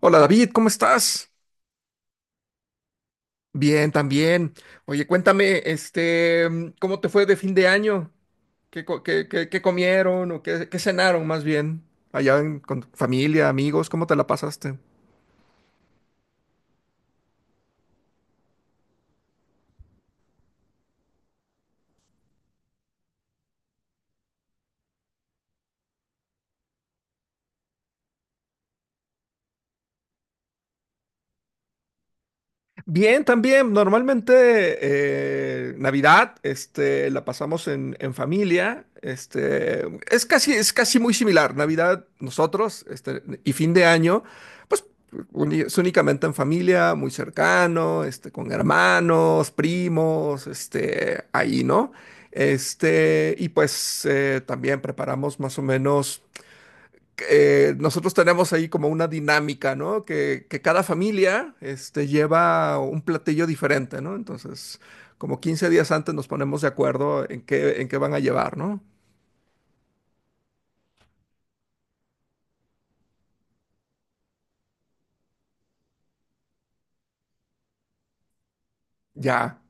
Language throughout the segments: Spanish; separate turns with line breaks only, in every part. Hola David, ¿cómo estás? Bien, también. Oye, cuéntame, ¿cómo te fue de fin de año? ¿Qué, qué comieron o qué cenaron más bien? Allá con tu familia, amigos, ¿cómo te la pasaste? Bien, también, normalmente Navidad, la pasamos en familia, es casi muy similar, Navidad nosotros, y fin de año, pues es únicamente en familia, muy cercano, con hermanos, primos, ahí, ¿no? Y pues también preparamos más o menos, nosotros tenemos ahí como una dinámica, ¿no? Que cada familia, lleva un platillo diferente, ¿no? Entonces, como 15 días antes nos ponemos de acuerdo en qué van a llevar, ¿no? Ya.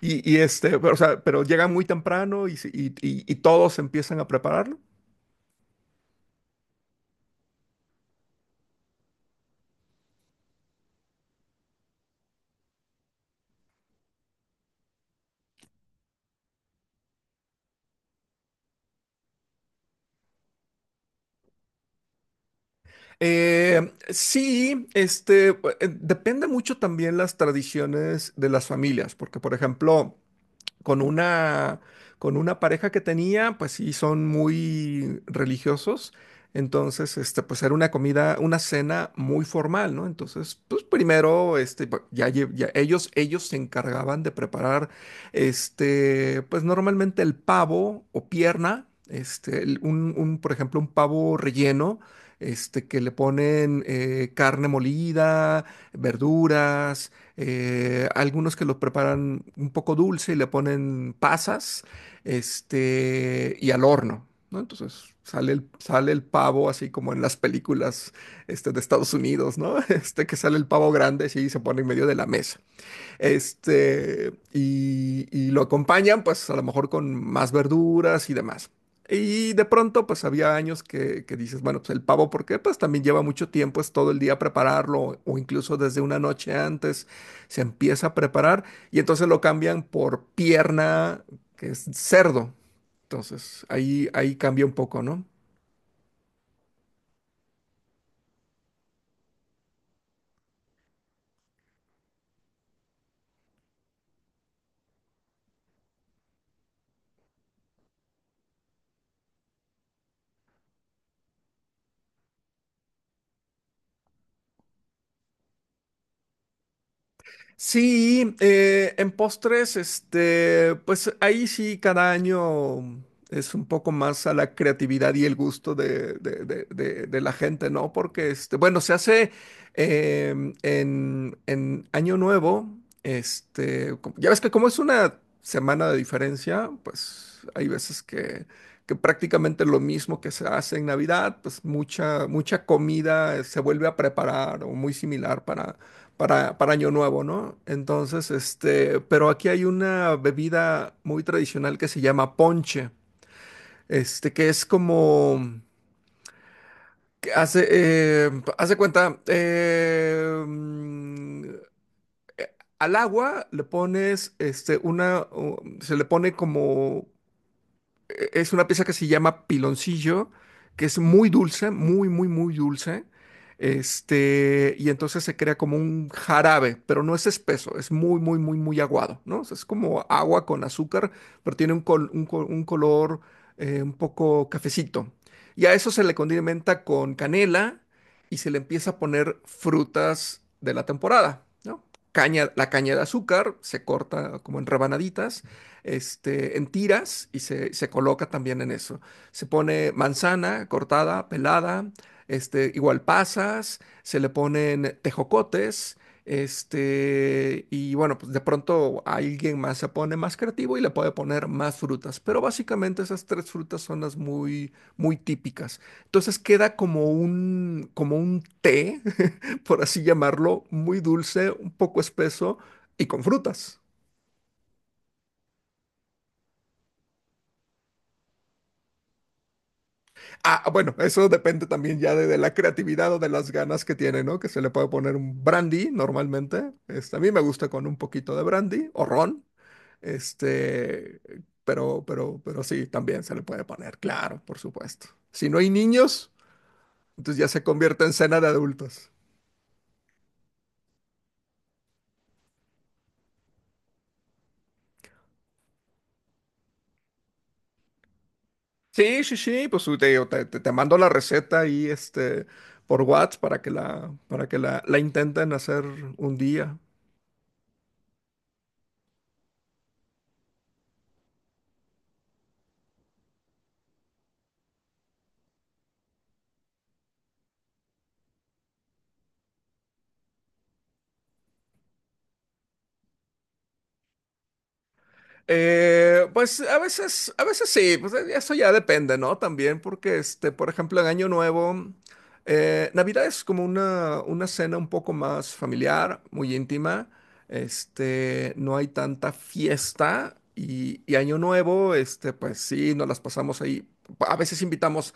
Y pero, o sea, pero llegan muy temprano y todos empiezan a prepararlo. Sí, depende mucho también las tradiciones de las familias, porque, por ejemplo, con una, con una pareja que tenía, pues sí, son muy religiosos. Entonces, pues era una comida, una cena muy formal, ¿no? Entonces, pues primero, ya ellos se encargaban de preparar, pues normalmente el pavo o pierna, por ejemplo, un pavo relleno, que le ponen, carne molida, verduras, algunos que lo preparan un poco dulce y le ponen pasas, y al horno, ¿no? Entonces sale el pavo así como en las películas, de Estados Unidos, ¿no? Que sale el pavo grande así, y se pone en medio de la mesa. Y lo acompañan, pues a lo mejor con más verduras y demás. Y de pronto, pues había años que dices, bueno, pues el pavo, ¿por qué? Pues también lleva mucho tiempo, es todo el día prepararlo, o incluso desde una noche antes se empieza a preparar, y entonces lo cambian por pierna, que es cerdo. Entonces ahí cambia un poco, ¿no? Sí, en postres, pues ahí sí cada año es un poco más a la creatividad y el gusto de, de la gente, ¿no? Porque, bueno, se hace, en Año Nuevo, ya ves que como es una semana de diferencia, pues hay veces que prácticamente lo mismo que se hace en Navidad, pues mucha, mucha comida se vuelve a preparar o muy similar para Año Nuevo, ¿no? Entonces, pero aquí hay una bebida muy tradicional que se llama ponche, que es como, que hace, hace cuenta, al agua le pones, una, se le pone como, es una pieza que se llama Piloncillo, que es muy dulce, muy, muy, muy dulce. Y entonces se crea como un jarabe, pero no es espeso, es muy, muy, muy, muy aguado, ¿no? O sea, es como agua con azúcar, pero tiene un color, un poco cafecito. Y a eso se le condimenta con canela y se le empieza a poner frutas de la temporada, ¿no? Caña, la caña de azúcar se corta como en rebanaditas, en tiras y se coloca también en eso. Se pone manzana cortada, pelada, igual pasas, se le ponen tejocotes, y bueno, pues de pronto alguien más se pone más creativo y le puede poner más frutas, pero básicamente esas tres frutas son las muy, muy típicas. Entonces queda como un té, por así llamarlo, muy dulce, un poco espeso y con frutas. Ah, bueno, eso depende también ya de, la creatividad o de las ganas que tiene, ¿no? Que se le puede poner un brandy normalmente. A mí me gusta con un poquito de brandy o ron. Este, pero, sí, también se le puede poner, claro, por supuesto. Si no hay niños, entonces ya se convierte en cena de adultos. Sí, sí, sí, pues te, digo, te, te mando la receta ahí, por WhatsApp para que la, para que la intenten hacer un día. Pues a veces sí, pues eso ya depende, ¿no? También porque, por ejemplo, en Año Nuevo, Navidad es como una cena un poco más familiar, muy íntima, no hay tanta fiesta y Año Nuevo, pues sí, nos las pasamos ahí. A veces invitamos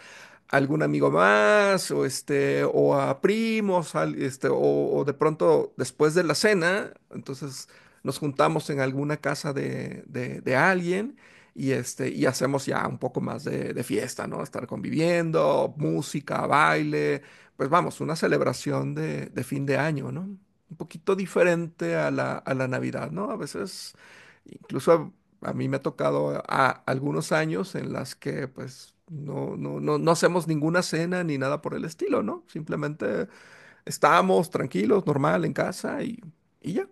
a algún amigo más o, o a primos, o de pronto después de la cena, entonces nos juntamos en alguna casa de, de alguien y hacemos ya un poco más de fiesta, ¿no? Estar conviviendo, música, baile, pues vamos, una celebración de fin de año, ¿no? Un poquito diferente a la Navidad, ¿no? A veces, incluso a mí me ha tocado, algunos años en las que pues... No, no, no, no hacemos ninguna cena ni nada por el estilo, ¿no? Simplemente estamos tranquilos, normal, en casa y ya.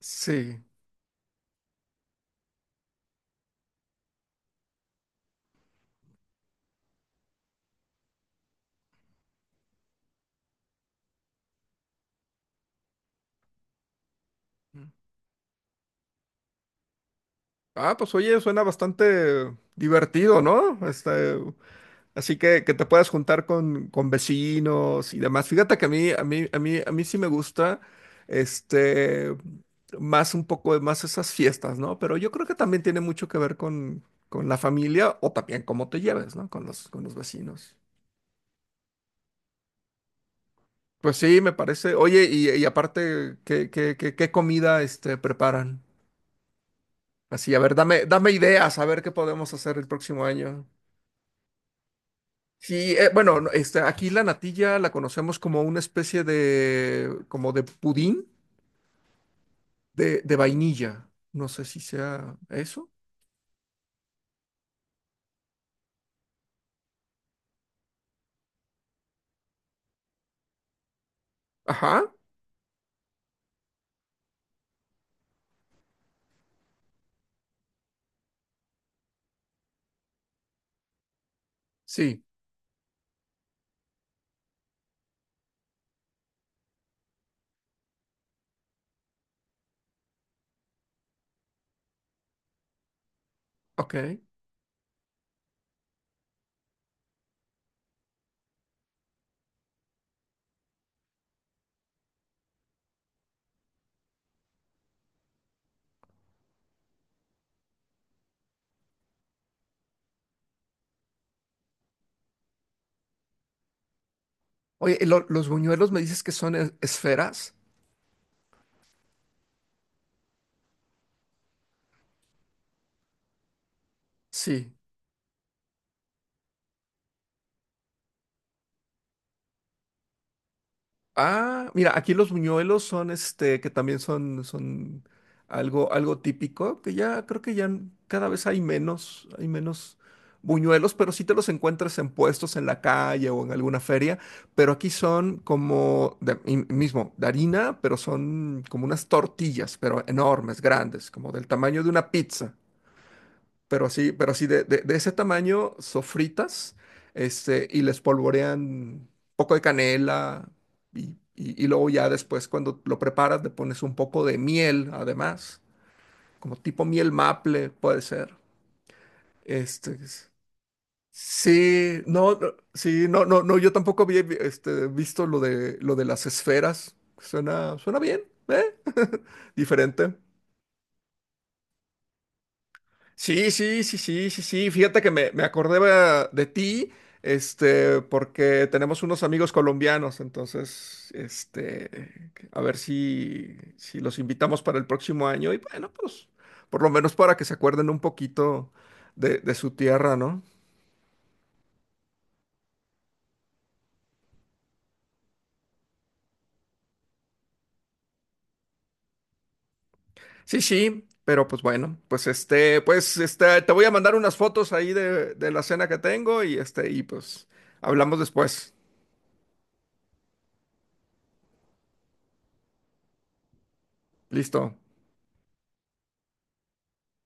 Sí. Ah, pues oye, suena bastante divertido, ¿no? Así que te puedas juntar con vecinos y demás. Fíjate que a mí sí me gusta, este, más, un poco más, esas fiestas, ¿no? Pero yo creo que también tiene mucho que ver con la familia o también cómo te lleves, ¿no? Con los vecinos. Pues sí, me parece. Oye, y aparte, ¿qué comida, preparan? Así, a ver, dame ideas, a ver qué podemos hacer el próximo año. Sí, bueno, no, aquí la natilla la conocemos como una especie de, como de pudín de vainilla. No sé si sea eso. Ajá, sí, ok. Oye, los buñuelos me dices que son esferas? Sí. Ah, mira, aquí los buñuelos son, que también son, son algo, algo típico, que ya creo que ya cada vez hay menos buñuelos, pero sí te los encuentras en puestos en la calle o en alguna feria, pero aquí son como de, y mismo, de harina, pero son como unas tortillas, pero enormes, grandes, como del tamaño de una pizza, pero así de, de ese tamaño, sofritas, y les polvorean un poco de canela y, y luego ya después cuando lo preparas le pones un poco de miel, además, como tipo miel maple, puede ser. Este, es- sí, no, no, sí, no, no, no, yo tampoco había, visto lo de las esferas. Suena bien, ¿eh? Diferente. Sí, sí, sí, sí, sí, sí. Fíjate que me acordé, de ti, porque tenemos unos amigos colombianos, entonces, a ver si los invitamos para el próximo año y bueno, pues, por lo menos para que se acuerden un poquito de su tierra, ¿no? Sí, sí, pero pues bueno, pues pues te voy a mandar unas fotos ahí de la cena que tengo y pues hablamos después. Listo.